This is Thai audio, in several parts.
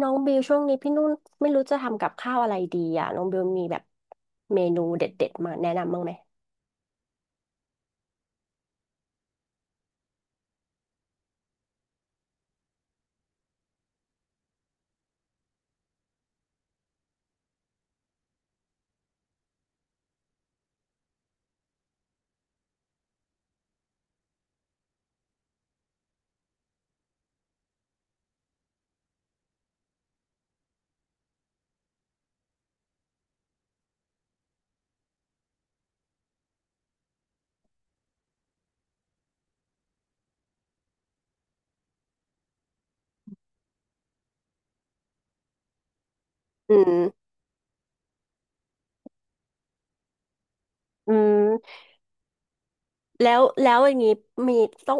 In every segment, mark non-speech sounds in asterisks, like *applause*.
น้องบิวช่วงนี้พี่นุ่นไม่รู้จะทำกับข้าวอะไรดีอ่ะน้องบิวมีแบบเมนูเด็ดๆมาแนะนำบ้างไหมอืมอืม แล้วอย่างนี้มีต้อง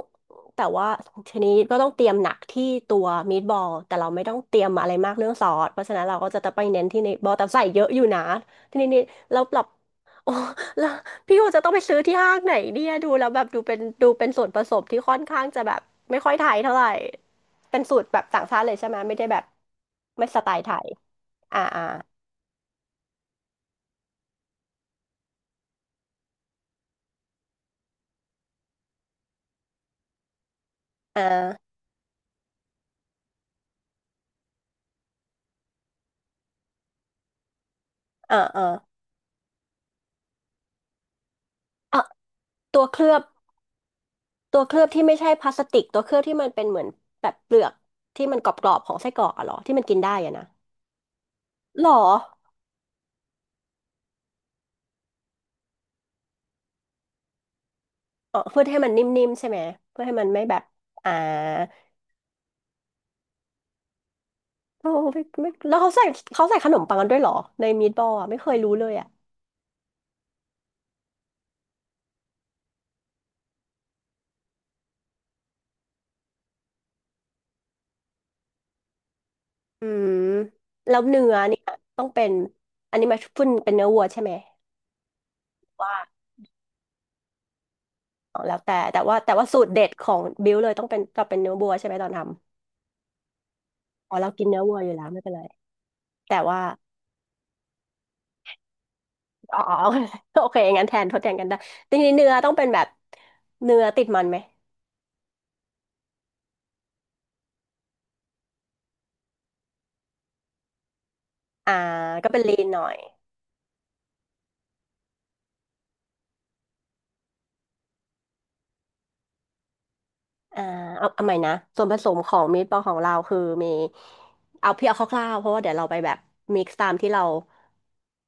แต่ว่าชนิดก็ต้องเตรียมหนักที่ตัวมีดบอลแต่เราไม่ต้องเตรียมอะไรมากเรื่องซอสเพราะฉะนั้นเราก็จะไปเน้นที่ในบอลแต่ใส่เยอะอยู่นะทีนี้นี่เราปรับโอ้แล้วพี่ว่าจะต้องไปซื้อที่ห้างไหนเนี่ยดูแล้วแบบดูเป็นส่วนผสมที่ค่อนข้างจะแบบไม่ค่อยไทยเท่าไหร่เป็นสูตรแบบต่างชาติเลยใช่ไหมไม่ได้แบบไม่สไตล์ไทยอ่าอ่าอ่าอ่าอ่าตัวเคลือบ ตัวเคลือบที่ไม่ใช่พลาสติกตัวเคลือบที่มันเป็นเหมือนแบบเปลือกที่มันกรอบๆของไส้กรอกอะเหรอที่มันกินได้อะนะหรออ๋อเพื่อให้มันนิ่มๆใช่ไหมเพื่อให้มันไม่แบบอ่าโอ้ไม่ไม่แล้วเขาใส่เขาใส่ขนมปังกันด้วยเหรอในมีดบอลอะไม่เคยรู้เลยอะอืมแล้วเนื้อเนี่ยต้องเป็นอันนี้มาฟถ้นเป็นเนื้อวัวใช่ไหมว่าอ๋อแล้วแต่แต่ว่าสูตรเด็ดของบิวเลยต้องเป็นก็เป็นเนื้อวัวใช่ไหมตอนทำอ๋อเรากินเนื้อวัวอยู่แล้วไม่เป็นไรแต่ว่า อ๋อ *laughs* อ๋อโอเคงั้นแทนทดแทนกันได้ทีนี้เนื้อต้องเป็นแบบเนื้อติดมันไหมอ่าก็เป็นลีนหน่อยอ่าเอาเอาใหม่นะส่วนผสมของมีทบอลของเราคือมีเอาเพียงเอาคร่าวๆเพราะว่าเดี๋ยวเราไปแบบมิกซ์ตามที่เรา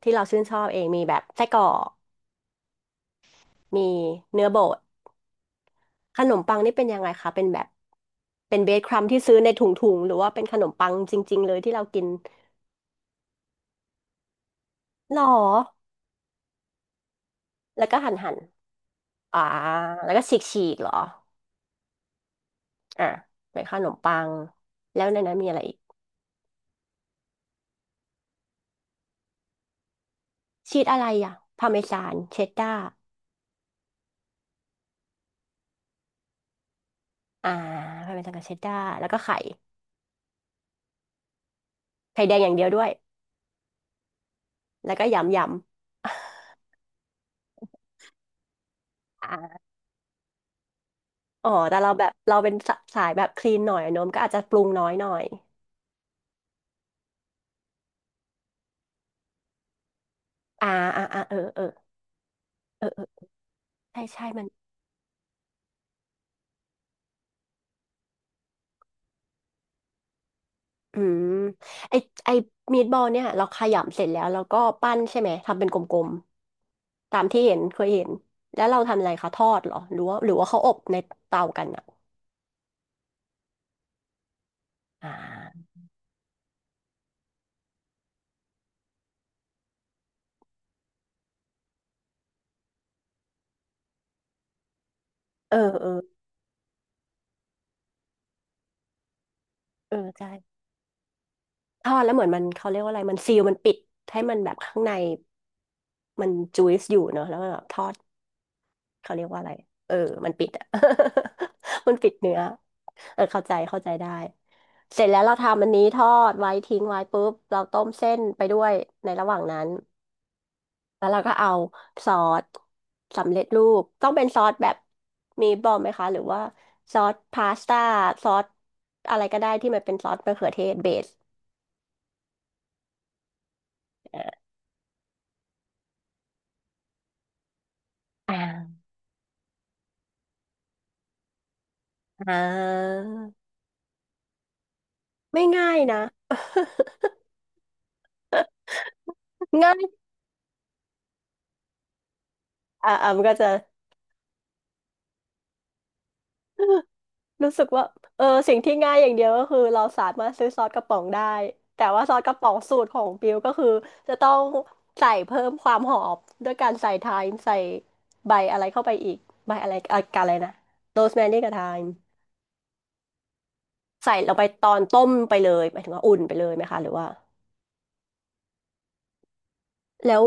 ชื่นชอบเองมีแบบไส้กรอกมีเนื้อบดขนมปังนี่เป็นยังไงคะเป็นแบบเป็นเบสครัมที่ซื้อในถุงๆหรือว่าเป็นขนมปังจริงๆเลยที่เรากินหรอแล้วก็หั่นอ่าแล้วก็ฉีกเหรอ อ่ะเป็นขนมปังแล้วในนั้นมีอะไรอีกชีสอะไรอ่ะพาเมซานเชดดาร์อ่าพาเมซานกับเชดดาร์แล้วก็ไข่ไข่แดงอย่างเดียวด้วยแล้วก็ยำยำ *laughs* อ่าอ๋อแต่เราแบบเราเป็นสะสายแบบคลีนหน่อยอะโนมก็อาจจะปรุงน้อยหน่อยอ่าอ่าอ่าเออเออเออเออใช่มันอืมไอไอมีดบอลเนี่ยเราขยำเสร็จแล้วเราก็ปั้นใช่ไหมทำเป็นกลมๆตามที่เห็นเคยเห็นแล้วเราทำอะไรคะทอดเหรอหรือว่าเขาอบในเตากันอ่ะอ่า เออเออใช่ทอดแล้วเหมือนมันเขาเรียกว่าอะไรมันซีลมันปิดให้มันแบบข้างในมันจุยส์อยู่เนอะแล้วมันแบบทอดเขาเรียกว่าอะไรเออมันปิดอะ *laughs* มันปิดเนื้อเออเข้าใจได้เสร็จแล้วเราทำอันนี้ทอดไว้ทิ้งไว้ปุ๊บเราต้มเส้นไปด้วยในระหว่างนั้นแล้วเราก็เอาซอสสำเร็จรูปต้องเป็นซอสแบบมีบอมไหมคะหรือว่าซอสพาสต้าซอสอะไรก็ได้ที่มันเป็นซอสมะเขือเทศเบส อ่าอ่าไม่ง่ายนะ *laughs* ง่ายมันก็จะรู้สึกว่าเออสิ่งที่ง่ายอย่างเดียวก็คือเราสามารถซื้อซอสกระป๋องได้แต่ว่าซอสกระป๋องสูตรของบิวก็คือจะต้องใส่เพิ่มความหอมด้วยการใส่ไทม์ใส่ใบอะไรเข้าไปอีกใบอะไรอะกันอะไรนะโรสแมรี่กับไทม์ใส่ลงไปตอนต้มไปเลยหมายถึงว่าอุ่นไปเลยไหมคะหรือว่าแล้ว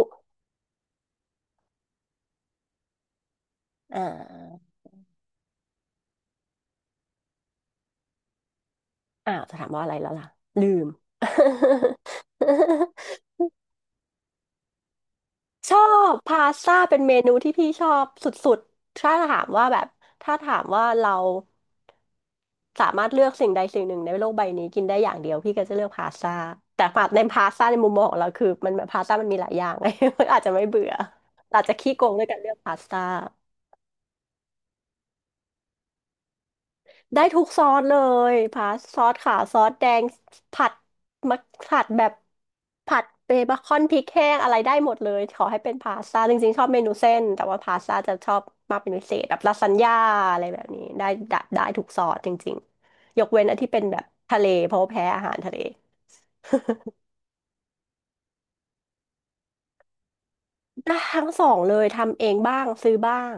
อ่าอ้าวจะถามว่าอะไรแล้วล่ะลืม *laughs* ชอบพาสต้าเป็นเมนูที่พี่ชอบสุดๆถ้าถามว่าแบบถ้าถามว่าเราสามารถเลือกสิ่งใดสิ่งหนึ่งในโลกใบนี้กินได้อย่างเดียวพี่ก็จะเลือกพาสต้าแต่ฝาดในพาสต้าในมุมมองของเราคือมันพาสต้ามันมีหลายอย่างไง *laughs* อาจจะไม่เบื่ออาจจะขี้โกงด้วยการเลือกพาสต้า ได้ทุกซอสเลยพาสซอสขาวซอสแดงผัดมักผัดแบบผัดเบคอนพริกแห้งอะไรได้หมดเลยขอให้เป็นพาสต้าจริงๆชอบเมนูเส้นแต่ว่าพาสต้าจะชอบมากเป็นพิเศษแบบลาซานญ่าอะไรแบบนี้ได้ทุกซอสจริงๆยกเว้นอันที่เป็นแบบทะเลเพราะว่าแพ้อาหารทะเลได้ทั้งสองเลยทำเองบ้างซื้อบ้าง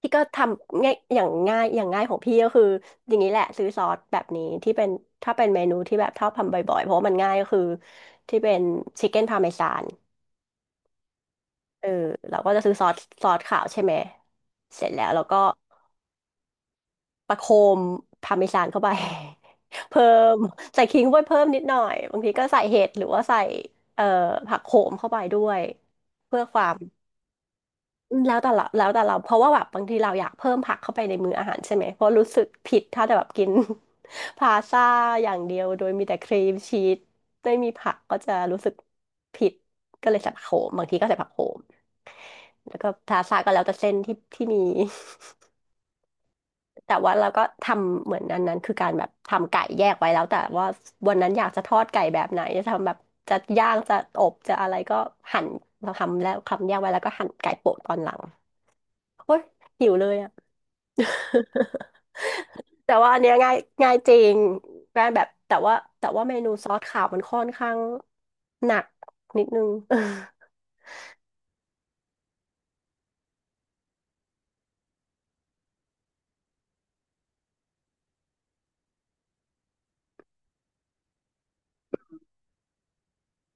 พี่ก็ทำง่ายอย่างง่ายของพี่ก็คืออย่างนี้แหละซื้อซอสแบบนี้ที่เป็นถ้าเป็นเมนูที่แบบชอบทำบ่อยๆเพราะว่ามันง่ายก็คือที่เป็นชิคเก้นพาเมซานเออเราก็จะซื้อซอสขาวใช่ไหมเสร็จแล้วเราก็ประโคมพาเมซานเข้าไป *laughs* เพิ่มใส่ขิงเข้าไปเพิ่มนิดหน่อยบางทีก็ใส่เห็ดหรือว่าใส่เอ่อผักโขมเข้าไปด้วยเพื่อความ แล้วแต่เราเพราะว่าแบบบางทีเราอยากเพิ่มผักเข้าไปในมื้ออาหารใช่ไหมเพราะรู้สึกผิดถ้าแต่แบบกิน *laughs* พาสต้าอย่างเดียวโดยมีแต่ครีมชีสไม่มีผักก็จะรู้สึกผิดก็เลยใส่ผักโขมบางทีก็ใส่ผักโขมแล้วก็พาสต้าก็แล้วแต่เส้นที่มี *laughs* แต่ว่าเราก็ทำเหมือนอันนั้นคือการแบบทำไก่แยกไว้แล้วแต่ว่าวันนั้นอยากจะทอดไก่แบบไหนจะทำแบบจะย่างจะอบจะอะไรก็หั่นเราทำแล้วทำแยกไว้แล้วก็หั่นไก่โปะตอนหลังโอ๊ยหิวเลยอะ *laughs* แต่ว่าอันเนี้ยง่ายง่ายจริงง่ายแบบแต่ว่าเมนูซอสขาวมันค่อนข้างหนักนิดนึง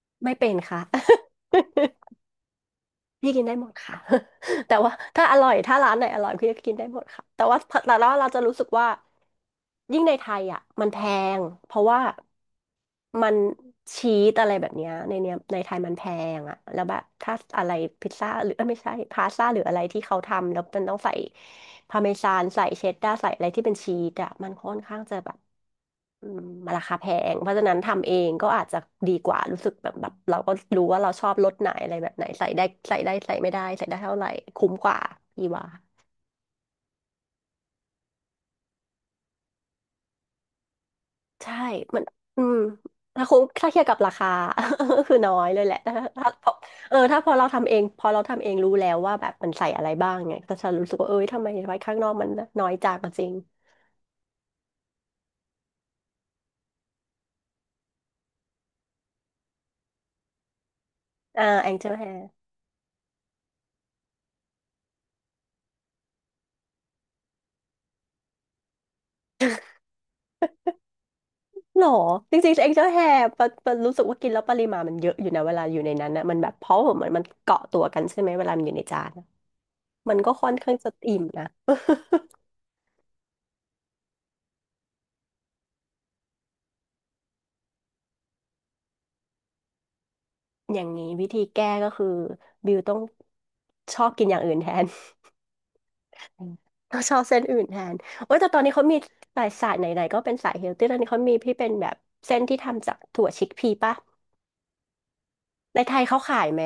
*laughs* ไม่เป็นค่ะ *laughs* พี่กินได้หมดค่ะ *laughs* แต่ว่าถ้าอร่อยถ้าร้านไหนอร่อยพี่ก็กินได้หมดค่ะแต่ว่าเราจะรู้สึกว่ายิ่งในไทยอ่ะมันแพงเพราะว่ามันชีสอะไรแบบเนี้ยในเนี้ยในไทยมันแพงอ่ะแล้วแบบถ้าอะไรพิซซ่าหรือเอ้ยไม่ใช่พาสต้าหรืออะไรที่เขาทำแล้วมันต้องใส่พาร์เมซานใส่เชดดาร์ใส่อะไรที่เป็นชีสอ่ะมันค่อนข้างจะแบบ อืมมันราคาแพงเพราะฉะนั้นทำเองก็อาจจะดีกว่ารู้สึกแบบเราก็รู้ว่าเราชอบรสไหนอะไรแบบไหนใส่ได้ใส่ไม่ได้ใส่ได้เท่าไหร่คุ้มกว่าพี่ว่าใช่มันอืมถ้าคุ้มถ้าเทียบกับราคา *laughs* ก็คือน้อยเลยแหละถ้าพอเออถ้าพอเราทำเองพอเราทำเองรู้แล้วว่าแบบมันใส่อะไรบ้างไงก็จะรู้สึกว่าเอ้ยทำไมไว้ข้างนอกมันน้อยจังจริงอ่าแองเจิลแฮ หรอจริงๆเอ็กซ์ตร้าแฮร์ปะรู้สึกว่ากินแล้วปริมาณมันเยอะอยู่นะเวลาอยู่ในนั้นนะมันแบบเพราะว่าเหมือนมันเกาะตัวกันใช่ไหมเวลามันอยู่ในจานน่ะมันก็ค่อนข้างจะอิ่มนะ *laughs* อย่างนี้วิธีแก้ก็คือบิวต้องชอบกินอย่างอื่นแทน *laughs* ต้องชอบเส้นอื่นแทนโอ้ยแต่ตอนนี้เขามีสายสายไหนๆก็เป็นสายเฮลตี้ตอนนี้เขามีที่เป็นแบบเส้นที่ทำจากถั่วชิคพีป่ะในไทยเขาขายไหม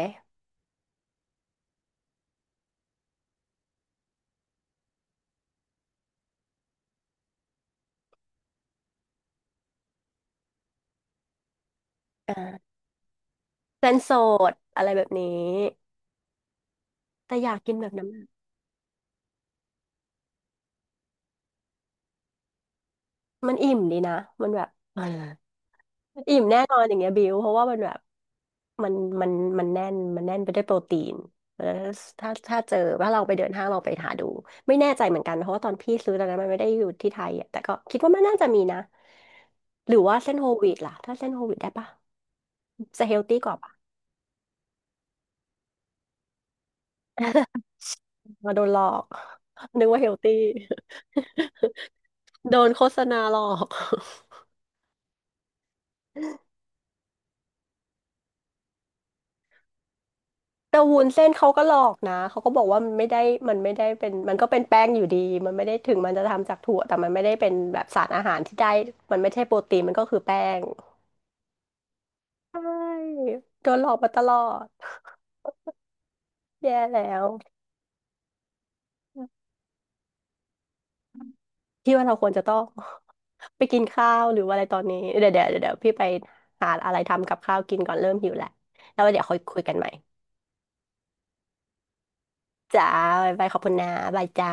อ่าเส้นสดอะไรแบบนี้แต่อยากกินแบบนั้น มันอิ่มดีนะ มันแบบเอออิ่มแน่นอนอย่างเงี้ยบิวเพราะว่ามันแบบมันมันมันแน่นมันแน่นไปด้วยโปรตีนแล้วถ้าเจอว่าเราไปเดินห้างเราไปหาดูไม่แน่ใจเหมือนกันเพราะว่าตอนพี่ซื้อตอนนั้นมันไม่ได้อยู่ที่ไทยอ่ะแต่ก็คิดว่ามันน่าจะมีนะหรือว่าเส้นโฮลวีตล่ะถ้าเส้นโฮลวีตได้ปะจะเฮลตี้กว่าปะ *laughs* มาโดนหลอกนึกว่าเฮลตี้ *laughs* โดนโฆษณาหลอก แต่วุ้นเส้นเขาก็หลอกนะเขาก็บอกว่ามันไม่ได้มันไม่ได้เป็นมันก็เป็นแป้งอยู่ดีมันไม่ได้ถึงมันจะทำจากถั่วแต่มันไม่ได้เป็นแบบสารอาหารที่ได้มันไม่ใช่โปรตีนมันก็คือแป้งใช่โดนหลอกมาตลอดแย่แล้วพี่ว่าเราควรจะต้อง *laughs* ไปกินข้าวหรือว่าอะไรตอนนี้เดี๋ยวพี่ไปหาอะไรทำกับข้าวกินก่อนเริ่มหิวแหละแล้วเดี๋ยวค่อยคุยกันใหม่จ้าบายบายขอบคุณนะบายจ้า